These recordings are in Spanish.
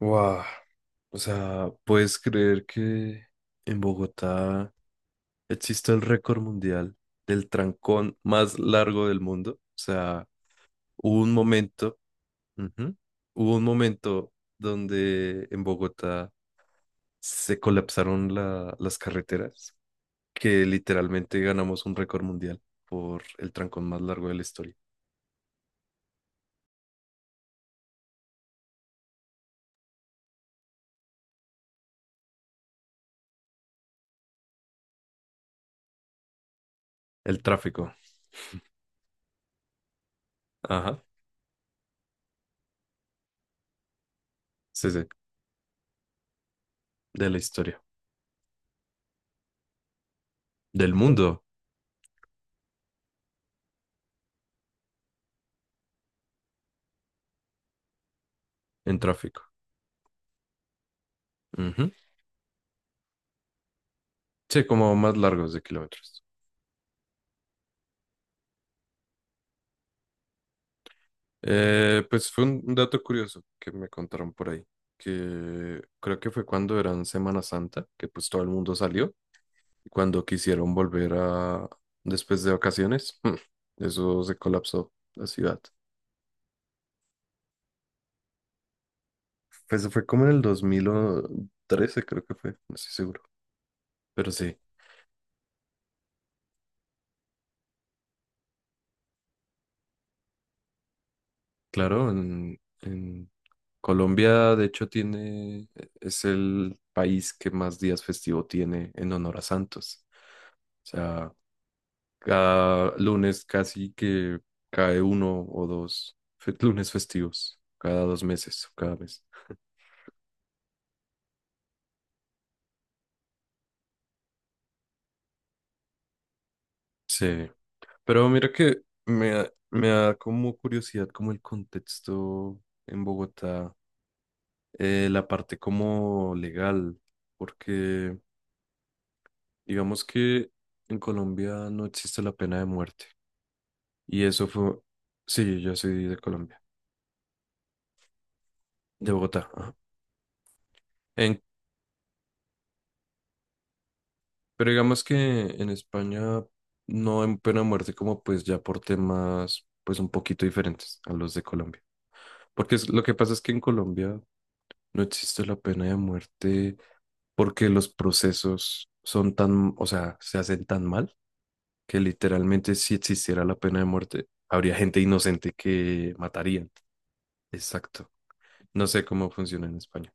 Wow, o sea, ¿puedes creer que en Bogotá existe el récord mundial del trancón más largo del mundo? O sea, hubo un momento, ujú, hubo un momento donde en Bogotá se colapsaron las carreteras, que literalmente ganamos un récord mundial por el trancón más largo de la historia. El tráfico, ajá, sí, sí, de la historia, del mundo en tráfico. Ujú. Sí, como más largos de kilómetros. Pues fue un dato curioso que me contaron por ahí, que creo que fue cuando eran Semana Santa, que pues todo el mundo salió, y cuando quisieron volver a después de vacaciones, eso se colapsó la ciudad. Pues fue como en el 2013, creo que fue, no estoy seguro. Pero sí, claro, en Colombia de hecho tiene, e, es el país que más días festivo tiene en honor a Santos. O sea, cada lunes casi que cae uno o dos lunes festivos, cada dos meses o cada mes. Sí, pero mira que me, me da como curiosidad como el contexto en Bogotá, la parte como legal, porque digamos que en Colombia no existe la pena de muerte y eso fue, sí, yo soy de Colombia, de Bogotá. Ajá. En, pero digamos que en España no hay pena de muerte como pues ya por temas pues un poquito diferentes a los de Colombia. Porque lo que pasa es que en Colombia no existe la pena de muerte porque los procesos son tan, o sea, se hacen tan mal que literalmente si existiera la pena de muerte habría gente inocente que matarían. Exacto. No sé cómo funciona en España.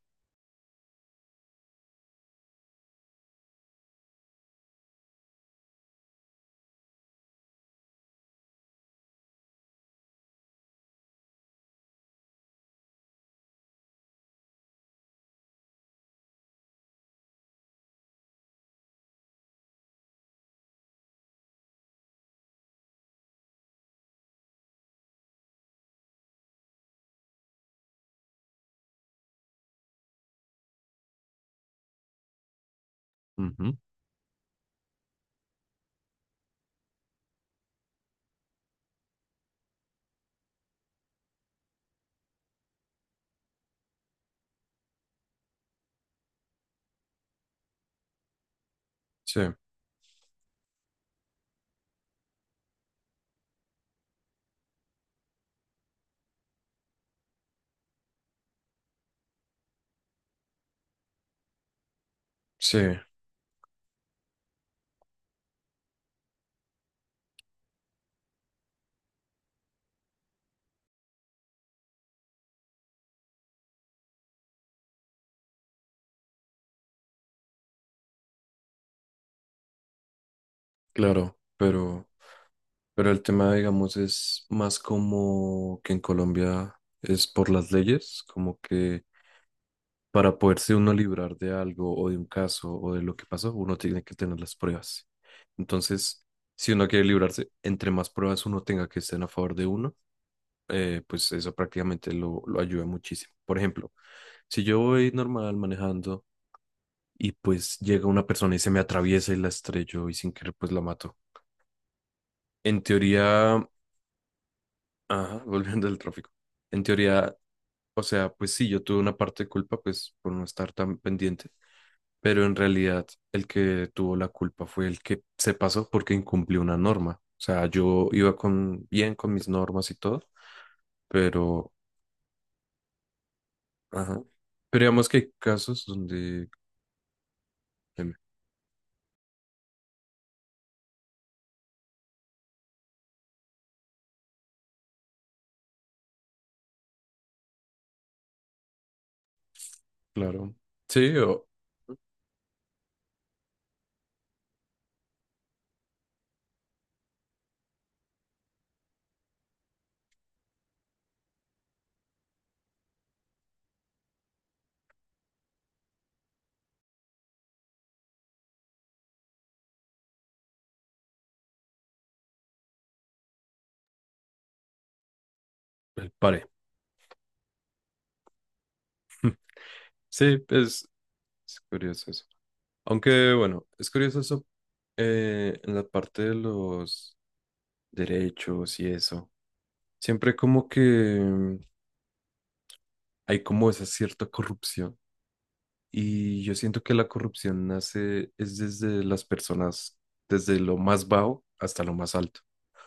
Ujú. Sí, sí, claro, pero... Pero el tema, digamos, es más como que en Colombia es por las leyes, como que para poderse uno librar de algo o de un caso o de lo que pasó, uno tiene que tener las pruebas. Entonces, si uno quiere librarse, entre más pruebas uno tenga que estén a favor de uno, pues eso prácticamente lo ayuda muchísimo. Por ejemplo, si yo voy normal manejando y pues llega una persona y se me atraviesa y la estrello y sin querer pues la mato. En teoría, ajá, volviendo al tráfico. En teoría, o sea, pues sí, yo tuve una parte de culpa, pues por no estar tan pendiente, pero en realidad el que tuvo la culpa fue el que se pasó porque incumplió una norma. O sea, yo iba con bien con mis normas y todo, pero, ajá. Pero digamos que hay casos donde, em, claro, sí, o el paré. Sí, es curioso eso. Aunque, bueno, es curioso eso en la parte de los derechos y eso. Siempre como que hay como esa cierta corrupción. Y yo siento que la corrupción nace es desde las personas, desde lo más bajo hasta lo más alto.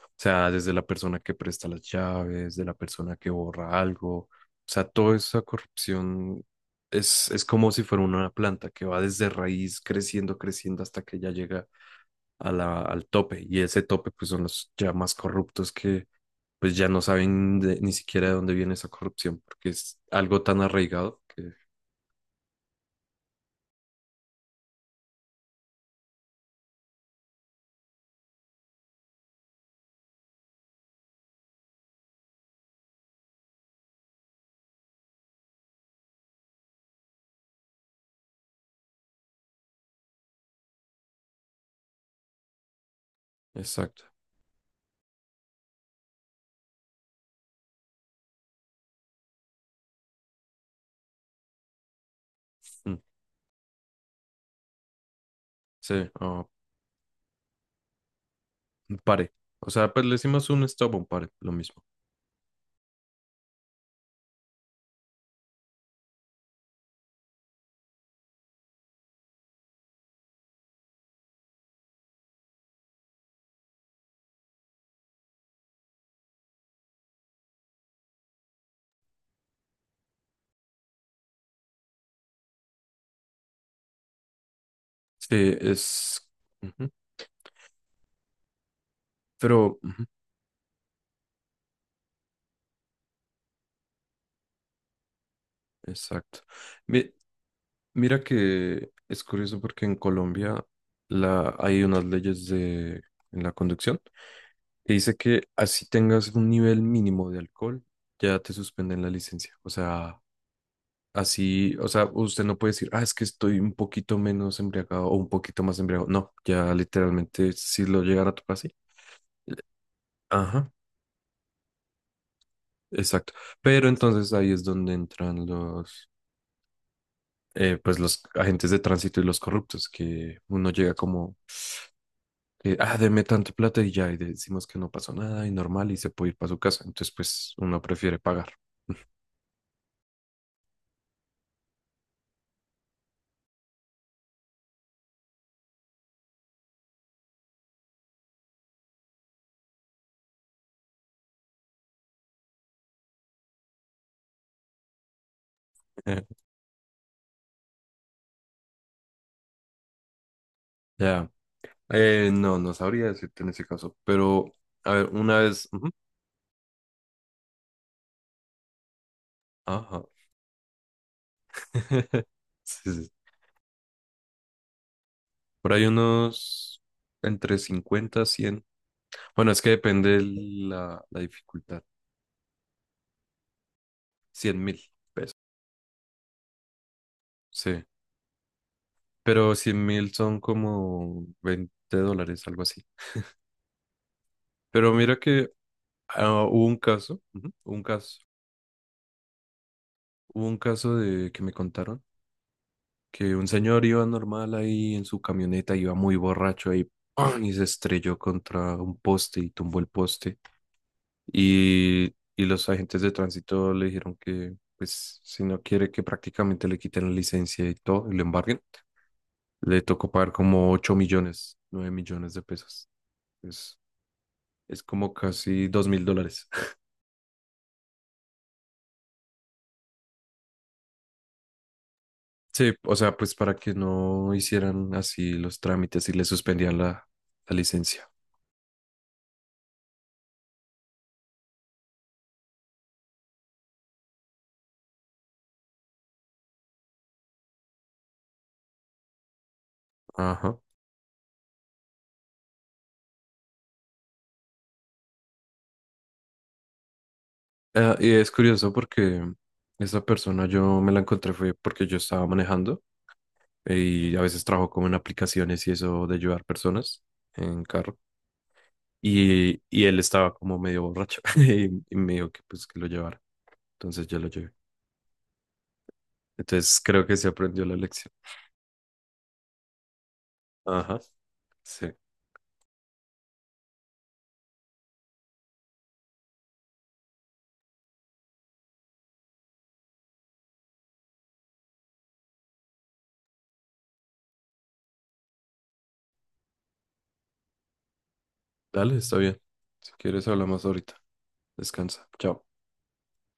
O sea, desde la persona que presta las llaves, de la persona que borra algo. O sea, toda esa corrupción es como si fuera una planta que va desde raíz creciendo, creciendo hasta que ya llega a la, al tope. Y ese tope, pues, son los ya más corruptos que, pues, ya no saben ni siquiera de dónde viene esa corrupción, porque es algo tan arraigado. Exacto. Mm, sí, ah, un pare. O sea, pues le decimos un stop o un pare, lo mismo. Sí, es... Ujú. Pero, mm, exacto. Mi- mira que es curioso porque en Colombia la, hay unas leyes de, en la conducción que dice que así tengas un nivel mínimo de alcohol, ya te suspenden la licencia. O sea, así, o sea, usted no puede decir, ah, es que estoy un poquito menos embriagado o un poquito más embriagado. No, ya literalmente si lo llegara a tocar así. Ajá. Exacto. Pero entonces ahí es donde entran los, pues los agentes de tránsito y los corruptos, que uno llega como, ah, deme tanto plata y ya, y decimos que no pasó nada y normal y se puede ir para su casa. Entonces, pues uno prefiere pagar. Ya. No, no sabría decirte en ese caso, pero, a ver, una vez, ujú, ajá. Sí, sí. Por ahí unos entre 50, 100, bueno, es que depende la, la dificultad. 100.000 pesos. Sí. Pero 100.000 son como 20 dólares, algo así. Pero mira que ah, hubo un caso, ujú, un caso, hubo un caso de que me contaron que un señor iba normal ahí en su camioneta, iba muy borracho ahí, ¡pam! Y se estrelló contra un poste y tumbó el poste. Y, y los agentes de tránsito le dijeron que, pues, si no quiere que prácticamente le quiten la licencia y todo, y le embarguen, le tocó pagar como 8 millones, 9 millones de pesos. Es como casi 2.000 dólares. Sí, o sea, pues para que no hicieran así los trámites y le suspendían la, la licencia. Ajá. Ah, y es curioso porque esa persona yo me la encontré fue porque yo estaba manejando y a veces trabajo como en aplicaciones y eso de ayudar personas en carro. Y él estaba como medio borracho y me dijo que pues que lo llevara. Entonces yo lo llevé. Entonces creo que se aprendió la lección. Ajá. Sí. Dale, está bien. Si quieres hablamos ahorita. Descansa. Chao.